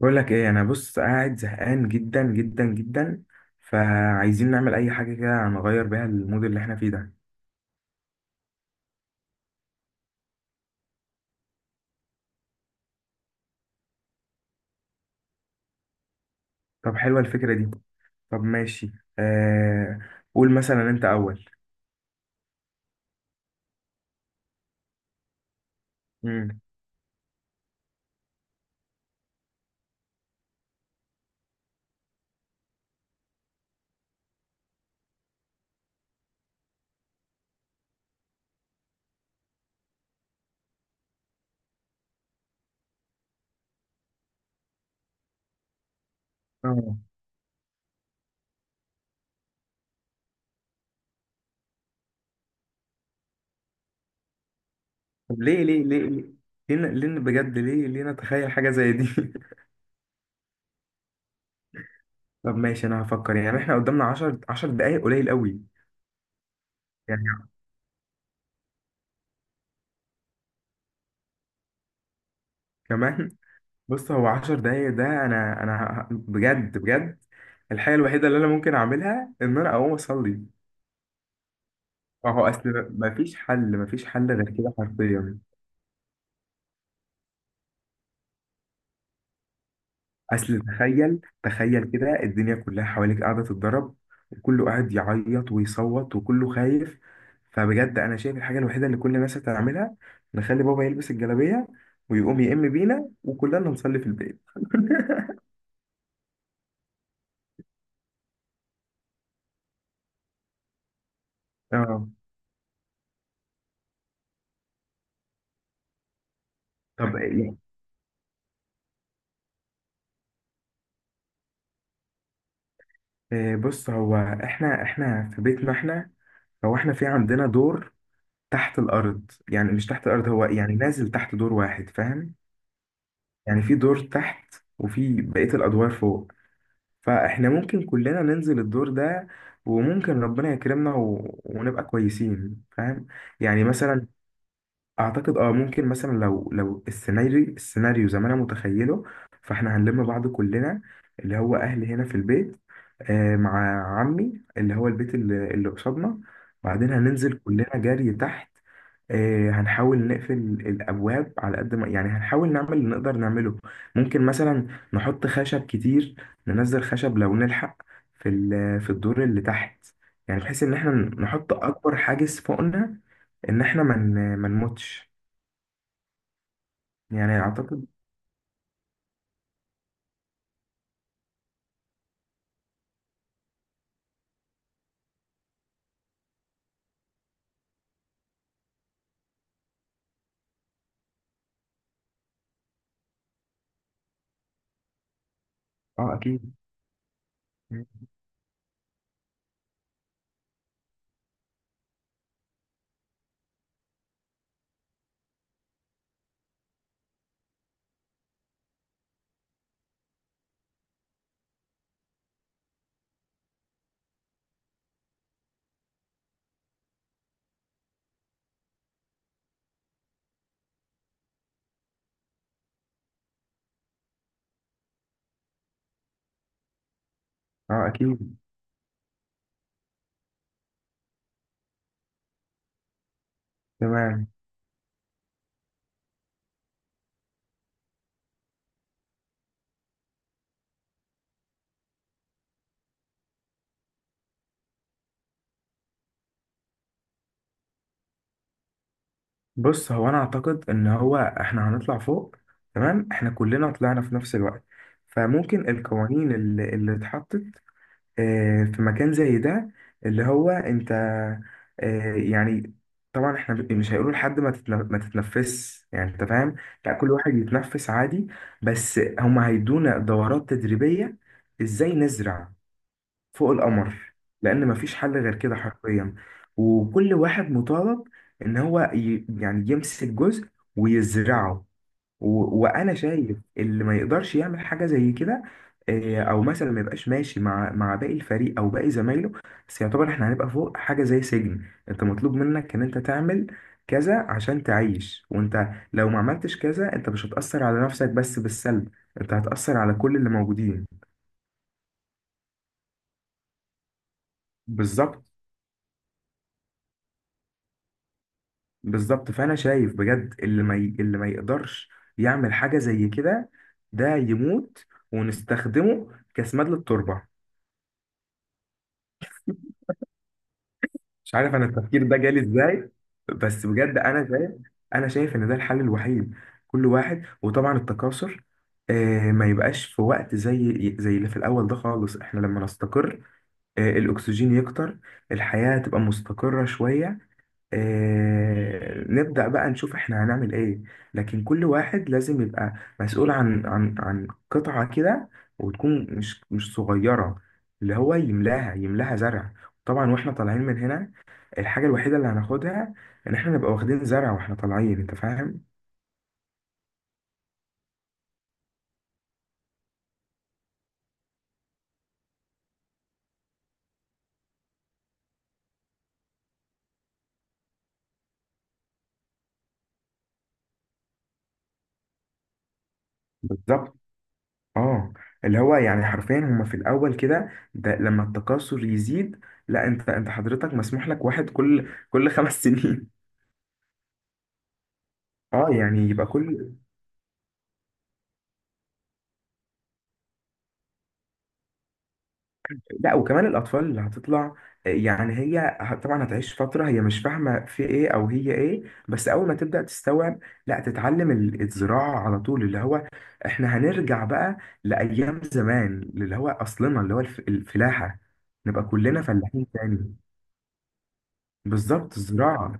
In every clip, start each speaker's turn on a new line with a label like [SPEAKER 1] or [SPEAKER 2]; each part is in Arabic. [SPEAKER 1] بقول لك ايه؟ انا بص قاعد زهقان جدا جدا جدا، فعايزين نعمل اي حاجه كده نغير بيها المود اللي احنا فيه ده. طب حلوه الفكره دي. طب ماشي. آه، قول مثلا انت اول. امم. اه. طب ليه ليه ليه ليه، بجد، ليه ليه نتخيل حاجه زي دي؟ طب ماشي، انا هفكر. يعني احنا قدامنا 10 دقايق، قليل قوي. يعني كمان. بص، هو 10 دقايق ده، انا بجد بجد الحاجه الوحيده اللي انا ممكن اعملها ان انا اقوم اصلي. ما هو اصل مفيش حل، مفيش حل غير كده حرفيا. اصل تخيل تخيل كده الدنيا كلها حواليك قاعده تتضرب، وكله قاعد يعيط ويصوت وكله خايف. فبجد انا شايف الحاجه الوحيده اللي كل الناس هتعملها، نخلي بابا يلبس الجلابيه ويقوم يئم بينا وكلنا نصلي في البيت. اه. طب إيه؟ إيه، بص، هو احنا في بيتنا احنا. هو احنا في عندنا دور تحت الارض. يعني مش تحت الارض، هو يعني نازل تحت دور واحد، فاهم؟ يعني في دور تحت وفي بقية الأدوار فوق، فإحنا ممكن كلنا ننزل الدور ده، وممكن ربنا يكرمنا ونبقى كويسين، فاهم؟ يعني مثلا أعتقد ممكن مثلا لو السيناريو زي ما أنا متخيله، فإحنا هنلم بعض كلنا، اللي هو أهلي هنا في البيت، آه مع عمي اللي هو البيت اللي قصادنا. بعدين هننزل كلنا جري تحت. هنحاول نقفل الأبواب على قد ما، يعني هنحاول نعمل اللي نقدر نعمله. ممكن مثلا نحط خشب كتير، ننزل خشب لو نلحق في الدور اللي تحت، يعني بحيث إن احنا نحط أكبر حاجز فوقنا، إن احنا ما نموتش. يعني أعتقد. اه أكيد. اه أكيد. تمام. بص، هو أنا أعتقد إن هو احنا هنطلع فوق. تمام، احنا كلنا طلعنا في نفس الوقت، فممكن القوانين اللي اتحطت في مكان زي ده، اللي هو انت، يعني طبعا احنا مش هيقولوا لحد ما تتنفس، يعني انت فاهم. لا، كل واحد يتنفس عادي، بس هم هيدونا دورات تدريبية ازاي نزرع فوق القمر، لان مفيش حل غير كده حرفيا. وكل واحد مطالب ان هو يعني يمسك جزء ويزرعه، وانا شايف اللي ما يقدرش يعمل حاجه زي كده، او مثلا ما يبقاش ماشي مع باقي الفريق او باقي زمايله. بس يعتبر احنا هنبقى فوق حاجه زي سجن، انت مطلوب منك ان انت تعمل كذا عشان تعيش، وانت لو ما عملتش كذا انت مش هتاثر على نفسك بس بالسلب، انت هتاثر على كل اللي موجودين. بالظبط. بالظبط، فانا شايف بجد اللي ما ي... اللي ما يقدرش يعمل حاجه زي كده ده يموت، ونستخدمه كسماد للتربه. مش عارف انا التفكير ده جالي ازاي، بس بجد انا شايف. انا شايف ان ده الحل الوحيد. كل واحد، وطبعا التكاثر، ما يبقاش في وقت زي اللي في الاول ده خالص. احنا لما نستقر الاكسجين يكتر، الحياة تبقى مستقرة شوية، نبدأ بقى نشوف احنا هنعمل ايه. لكن كل واحد لازم يبقى مسؤول عن قطعة كده، وتكون مش صغيرة، اللي هو يملاها يملاها زرع. طبعا واحنا طالعين من هنا، الحاجة الوحيدة اللي هناخدها ان احنا نبقى واخدين زرع واحنا طالعين، انت فاهم. بالظبط. اه. اللي هو يعني حرفيا هما في الاول كده ده، لما التكاثر يزيد، لا، انت حضرتك مسموح لك واحد كل خمس سنين. اه يعني يبقى كل. لا، وكمان الأطفال اللي هتطلع، يعني طبعا هتعيش فترة هي مش فاهمة في إيه أو هي إيه، بس أول ما تبدأ تستوعب لا تتعلم الزراعة على طول، اللي هو إحنا هنرجع بقى لأيام زمان اللي هو أصلنا، اللي هو الفلاحة. نبقى كلنا فلاحين تاني. بالظبط، الزراعة.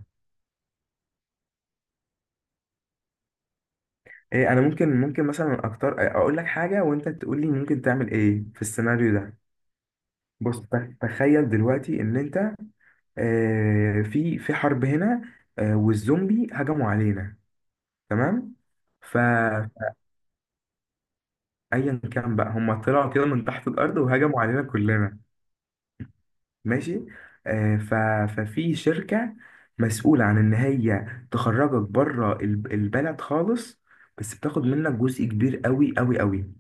[SPEAKER 1] إيه، أنا ممكن مثلا أكتر، أقول لك حاجة وأنت تقول لي ممكن تعمل إيه في السيناريو ده. بص، تخيل دلوقتي إن أنت في حرب هنا، والزومبي هجموا علينا، تمام؟ فأيا كان بقى، هم طلعوا كده من تحت الأرض وهجموا علينا كلنا. ماشي، آه، ف- ففي شركة مسؤولة عن إن هي تخرجك بره البلد خالص، بس بتاخد منك جزء كبير قوي قوي قوي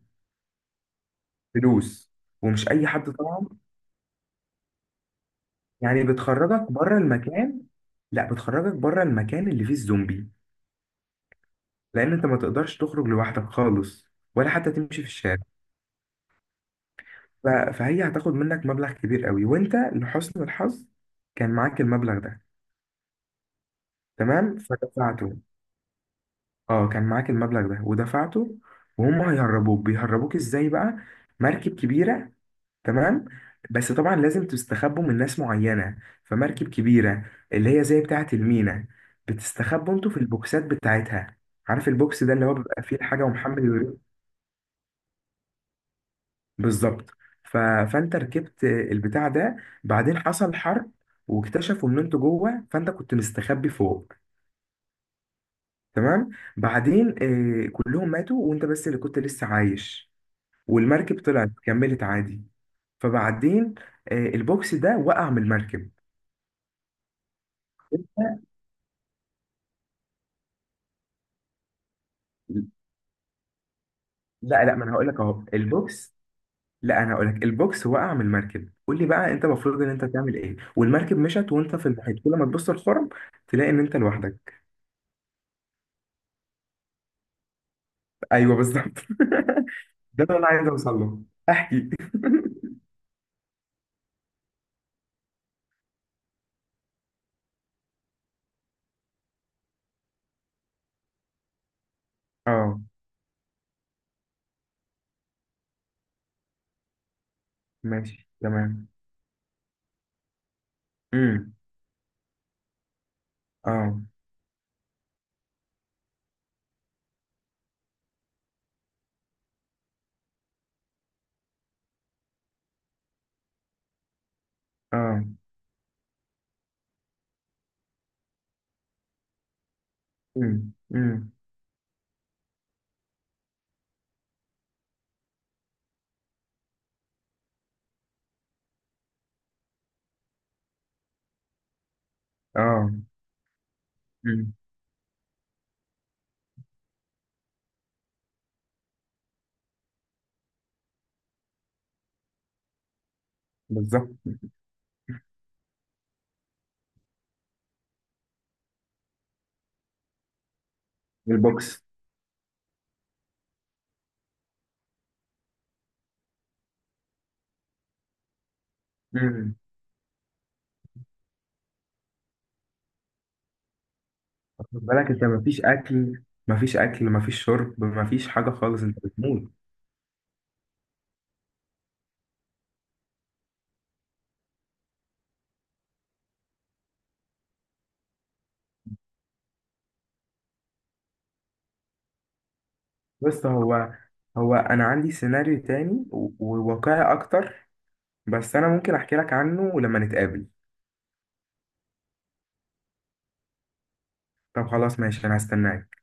[SPEAKER 1] فلوس، ومش أي حد طبعا. يعني بتخرجك بره المكان. لا، بتخرجك بره المكان اللي فيه الزومبي، لان انت ما تقدرش تخرج لوحدك خالص ولا حتى تمشي في الشارع. فهي هتاخد منك مبلغ كبير قوي، وانت لحسن الحظ كان معاك المبلغ ده. تمام، فدفعته. اه، كان معاك المبلغ ده ودفعته، وهم هيهربوك. بيهربوك ازاي بقى؟ مركب كبيرة. تمام. بس طبعا لازم تستخبوا من ناس معينة. فمركب كبيرة اللي هي زي بتاعة المينا، بتستخبوا انتوا في البوكسات بتاعتها. عارف البوكس ده اللي هو بيبقى فيه الحاجة ومحمل. بالظبط. فانت ركبت البتاع ده، بعدين حصل حرب واكتشفوا ان انتوا جوه، فانت كنت مستخبي فوق. تمام. بعدين كلهم ماتوا وانت بس اللي كنت لسه عايش، والمركب طلعت كملت عادي. فبعدين البوكس ده وقع من المركب. لا لا، ما انا هقول لك اهو البوكس. لا، انا هقول لك البوكس وقع من المركب. قول لي بقى انت المفروض ان انت تعمل ايه، والمركب مشت وانت في المحيط؟ كل ما تبص الخرم تلاقي ان انت لوحدك. ايوه بالظبط. ده اللي انا عايز اوصل له. احكي. اه ماشي تمام. امم. اه اه. امم. اه. امم. بالظبط، البوكس. امم. خد بالك، انت مفيش اكل، مفيش اكل، مفيش شرب، مفيش حاجه خالص، انت بتموت. بس هو، هو انا عندي سيناريو تاني وواقعي اكتر، بس انا ممكن احكي لك عنه لما نتقابل. طب خلاص ماشي، انا هستناك.